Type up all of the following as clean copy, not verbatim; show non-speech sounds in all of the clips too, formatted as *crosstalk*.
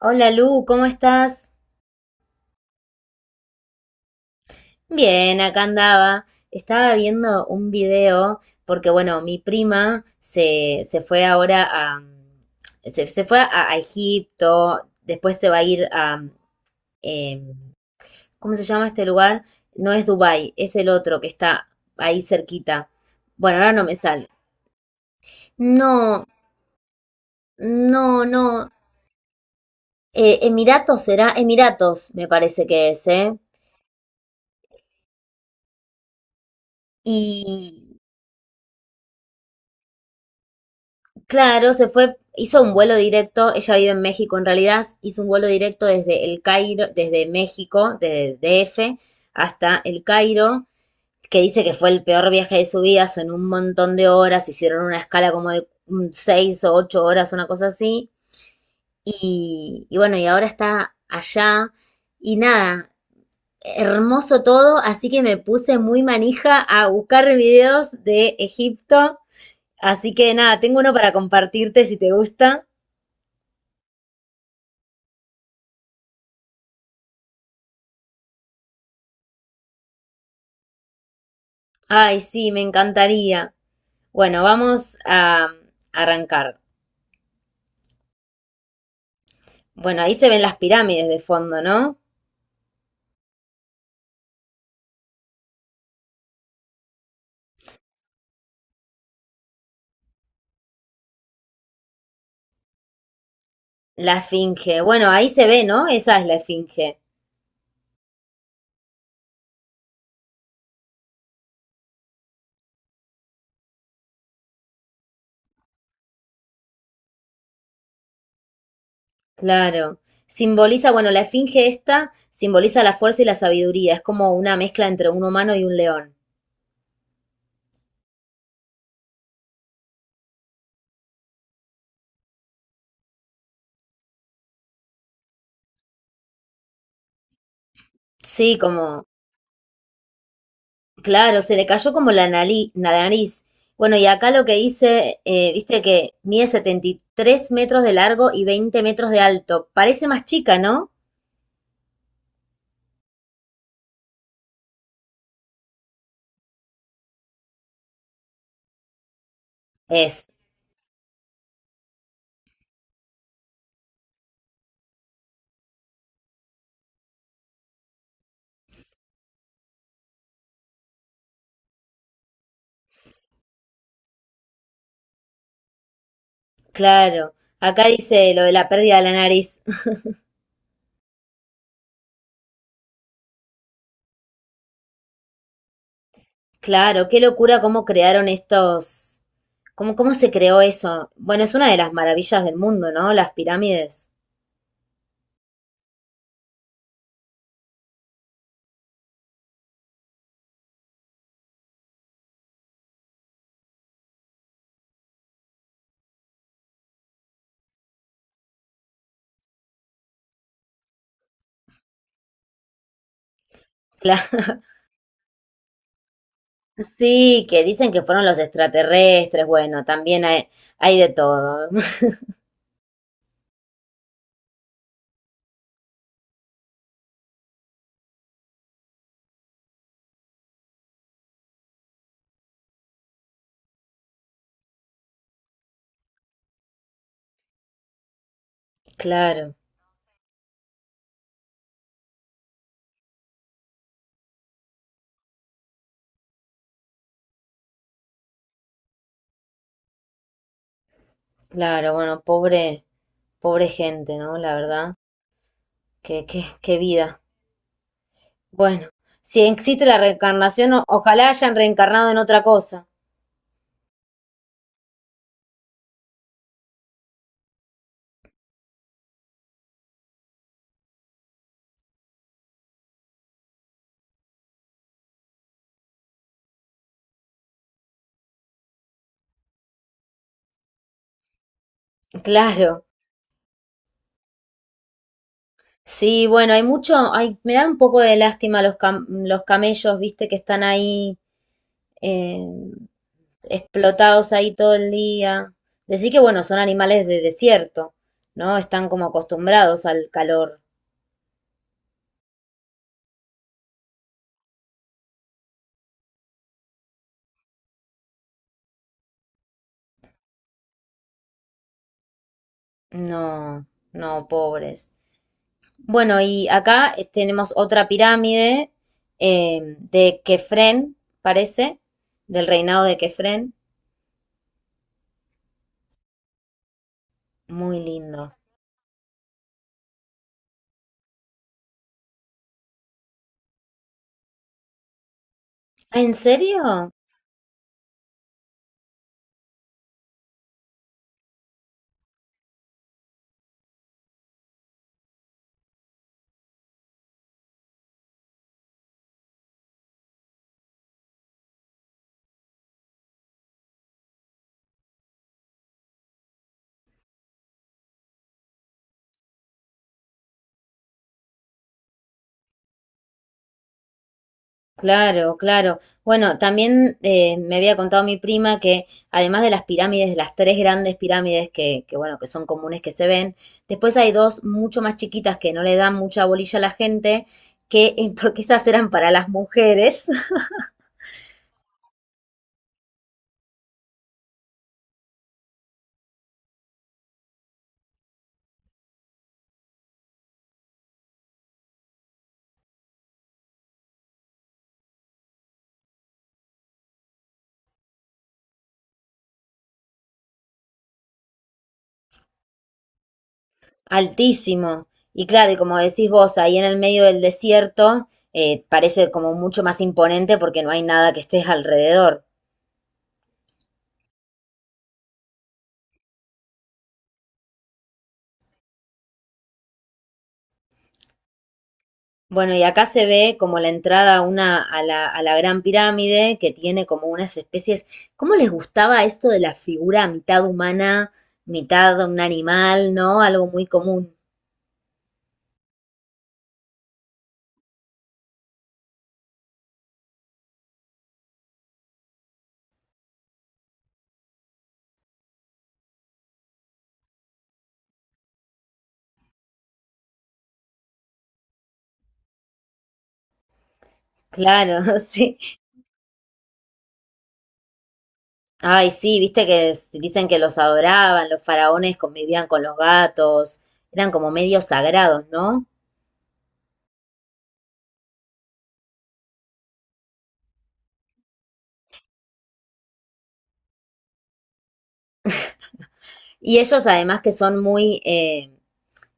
Hola Lu, ¿cómo estás? Bien, acá andaba. Estaba viendo un video porque, bueno, mi prima se fue ahora a... Se fue a Egipto, después se va a ir a... em, ¿cómo se llama este lugar? No es Dubái, es el otro que está ahí cerquita. Bueno, ahora no me sale. No, no, no. Emiratos será, Emiratos me parece que es, ¿eh? Y claro, se fue, hizo un vuelo directo, ella vive en México en realidad, hizo un vuelo directo desde el Cairo, desde México, desde DF hasta el Cairo, que dice que fue el peor viaje de su vida, son un montón de horas, hicieron una escala como de seis o ocho horas, una cosa así, y bueno, y ahora está allá, y nada, hermoso todo, así que me puse muy manija a buscar videos de Egipto, así que nada, tengo uno para compartirte si te gusta. Ay, sí, me encantaría. Bueno, vamos a arrancar. Bueno, ahí se ven las pirámides de fondo, ¿no? La esfinge. Bueno, ahí se ve, ¿no? Esa es la esfinge. Claro. Simboliza, bueno, la esfinge esta simboliza la fuerza y la sabiduría. Es como una mezcla entre un humano y un león. Sí, como, claro, se le cayó como la la nariz. Bueno, y acá lo que hice, viste que mide 73 metros de largo y 20 metros de alto. Parece más chica, ¿no? Es. Claro, acá dice lo de la pérdida de la nariz. *laughs* Claro, qué locura cómo crearon estos, cómo, cómo se creó eso. Bueno, es una de las maravillas del mundo, ¿no? Las pirámides. Claro, *laughs* sí, que dicen que fueron los extraterrestres. Bueno, también hay de todo. *laughs* Claro, claro, bueno, pobre, pobre gente, ¿no? La verdad, qué, qué, qué vida. Bueno, si existe la reencarnación, ojalá hayan reencarnado en otra cosa. Claro. Sí, bueno, hay mucho, hay, me dan un poco de lástima los los camellos, viste, que están ahí eh, explotados ahí todo el día. Decir que, bueno, son animales de desierto, ¿no? Están como acostumbrados al calor. No, no, pobres. Bueno, y acá tenemos otra pirámide de Kefren, parece, del reinado de Kefren. Muy lindo. Ah, ¿en serio? Claro, claro. Bueno, también me había contado mi prima que además de las pirámides, de las tres grandes pirámides que, bueno, que son comunes que se ven, después hay dos mucho más chiquitas que no le dan mucha bolilla a la gente, que *laughs* porque esas eran para las mujeres, *laughs* altísimo. Y claro, y como decís vos, ahí en el medio del desierto, parece como mucho más imponente porque no hay nada que estés alrededor. Bueno, y acá se ve como la entrada a una, a la Gran Pirámide, que tiene como unas especies. ¿Cómo les gustaba esto de la figura mitad humana, mitad un animal, ¿no? Algo muy común. Claro, *laughs* sí. Ay, sí, viste que dicen que los adoraban, los faraones convivían con los gatos, eran como medios sagrados, ¿no? Y ellos además que son muy,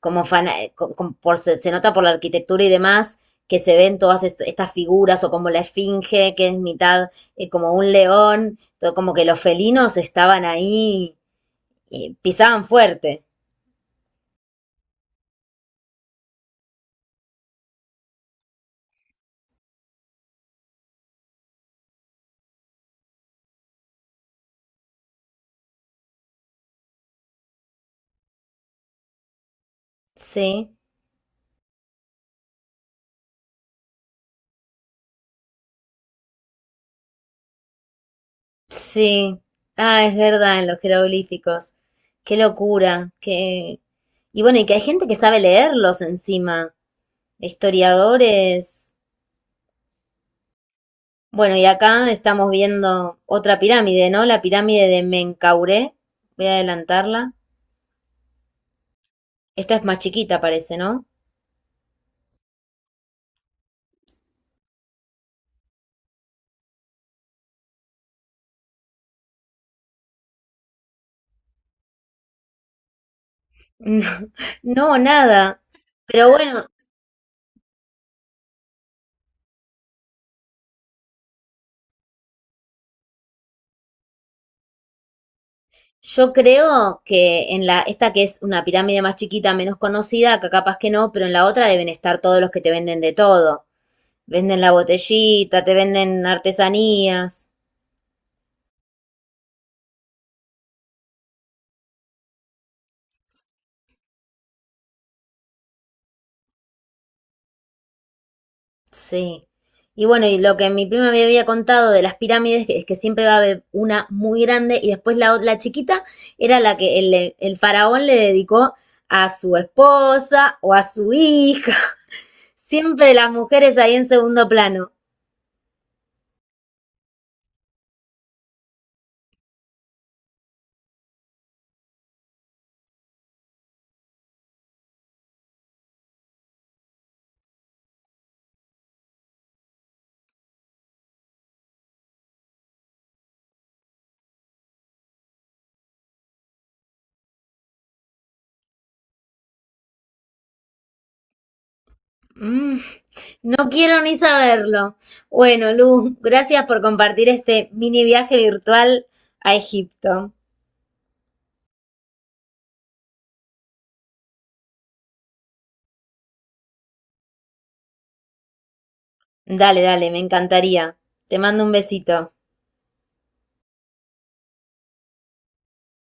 como fan por, se nota por la arquitectura y demás, que se ven todas estas figuras o como la esfinge, que es mitad como un león, todo como que los felinos estaban ahí, pisaban fuerte. Sí, sí. Ah, es verdad, en los jeroglíficos. Qué locura, qué... Y bueno, y que hay gente que sabe leerlos encima, historiadores. Bueno, y acá estamos viendo otra pirámide, ¿no? La pirámide de Menkauré. Voy a adelantarla. Esta es más chiquita, parece, ¿no? *laughs* No, no, nada. Pero bueno, yo creo que en la, esta que es una pirámide más chiquita, menos conocida, acá capaz que no, pero en la otra deben estar todos los que te venden de todo. Venden la botellita, te venden artesanías. Sí. Y bueno, y lo que mi prima me había contado de las pirámides es que siempre va a haber una muy grande y después la, la chiquita era la que el faraón le dedicó a su esposa o a su hija. *laughs* Siempre las mujeres ahí en segundo plano. Mm, no quiero ni saberlo. Bueno, Luz, gracias por compartir este mini viaje virtual a Egipto. Dale, dale, me encantaría. Te mando un besito.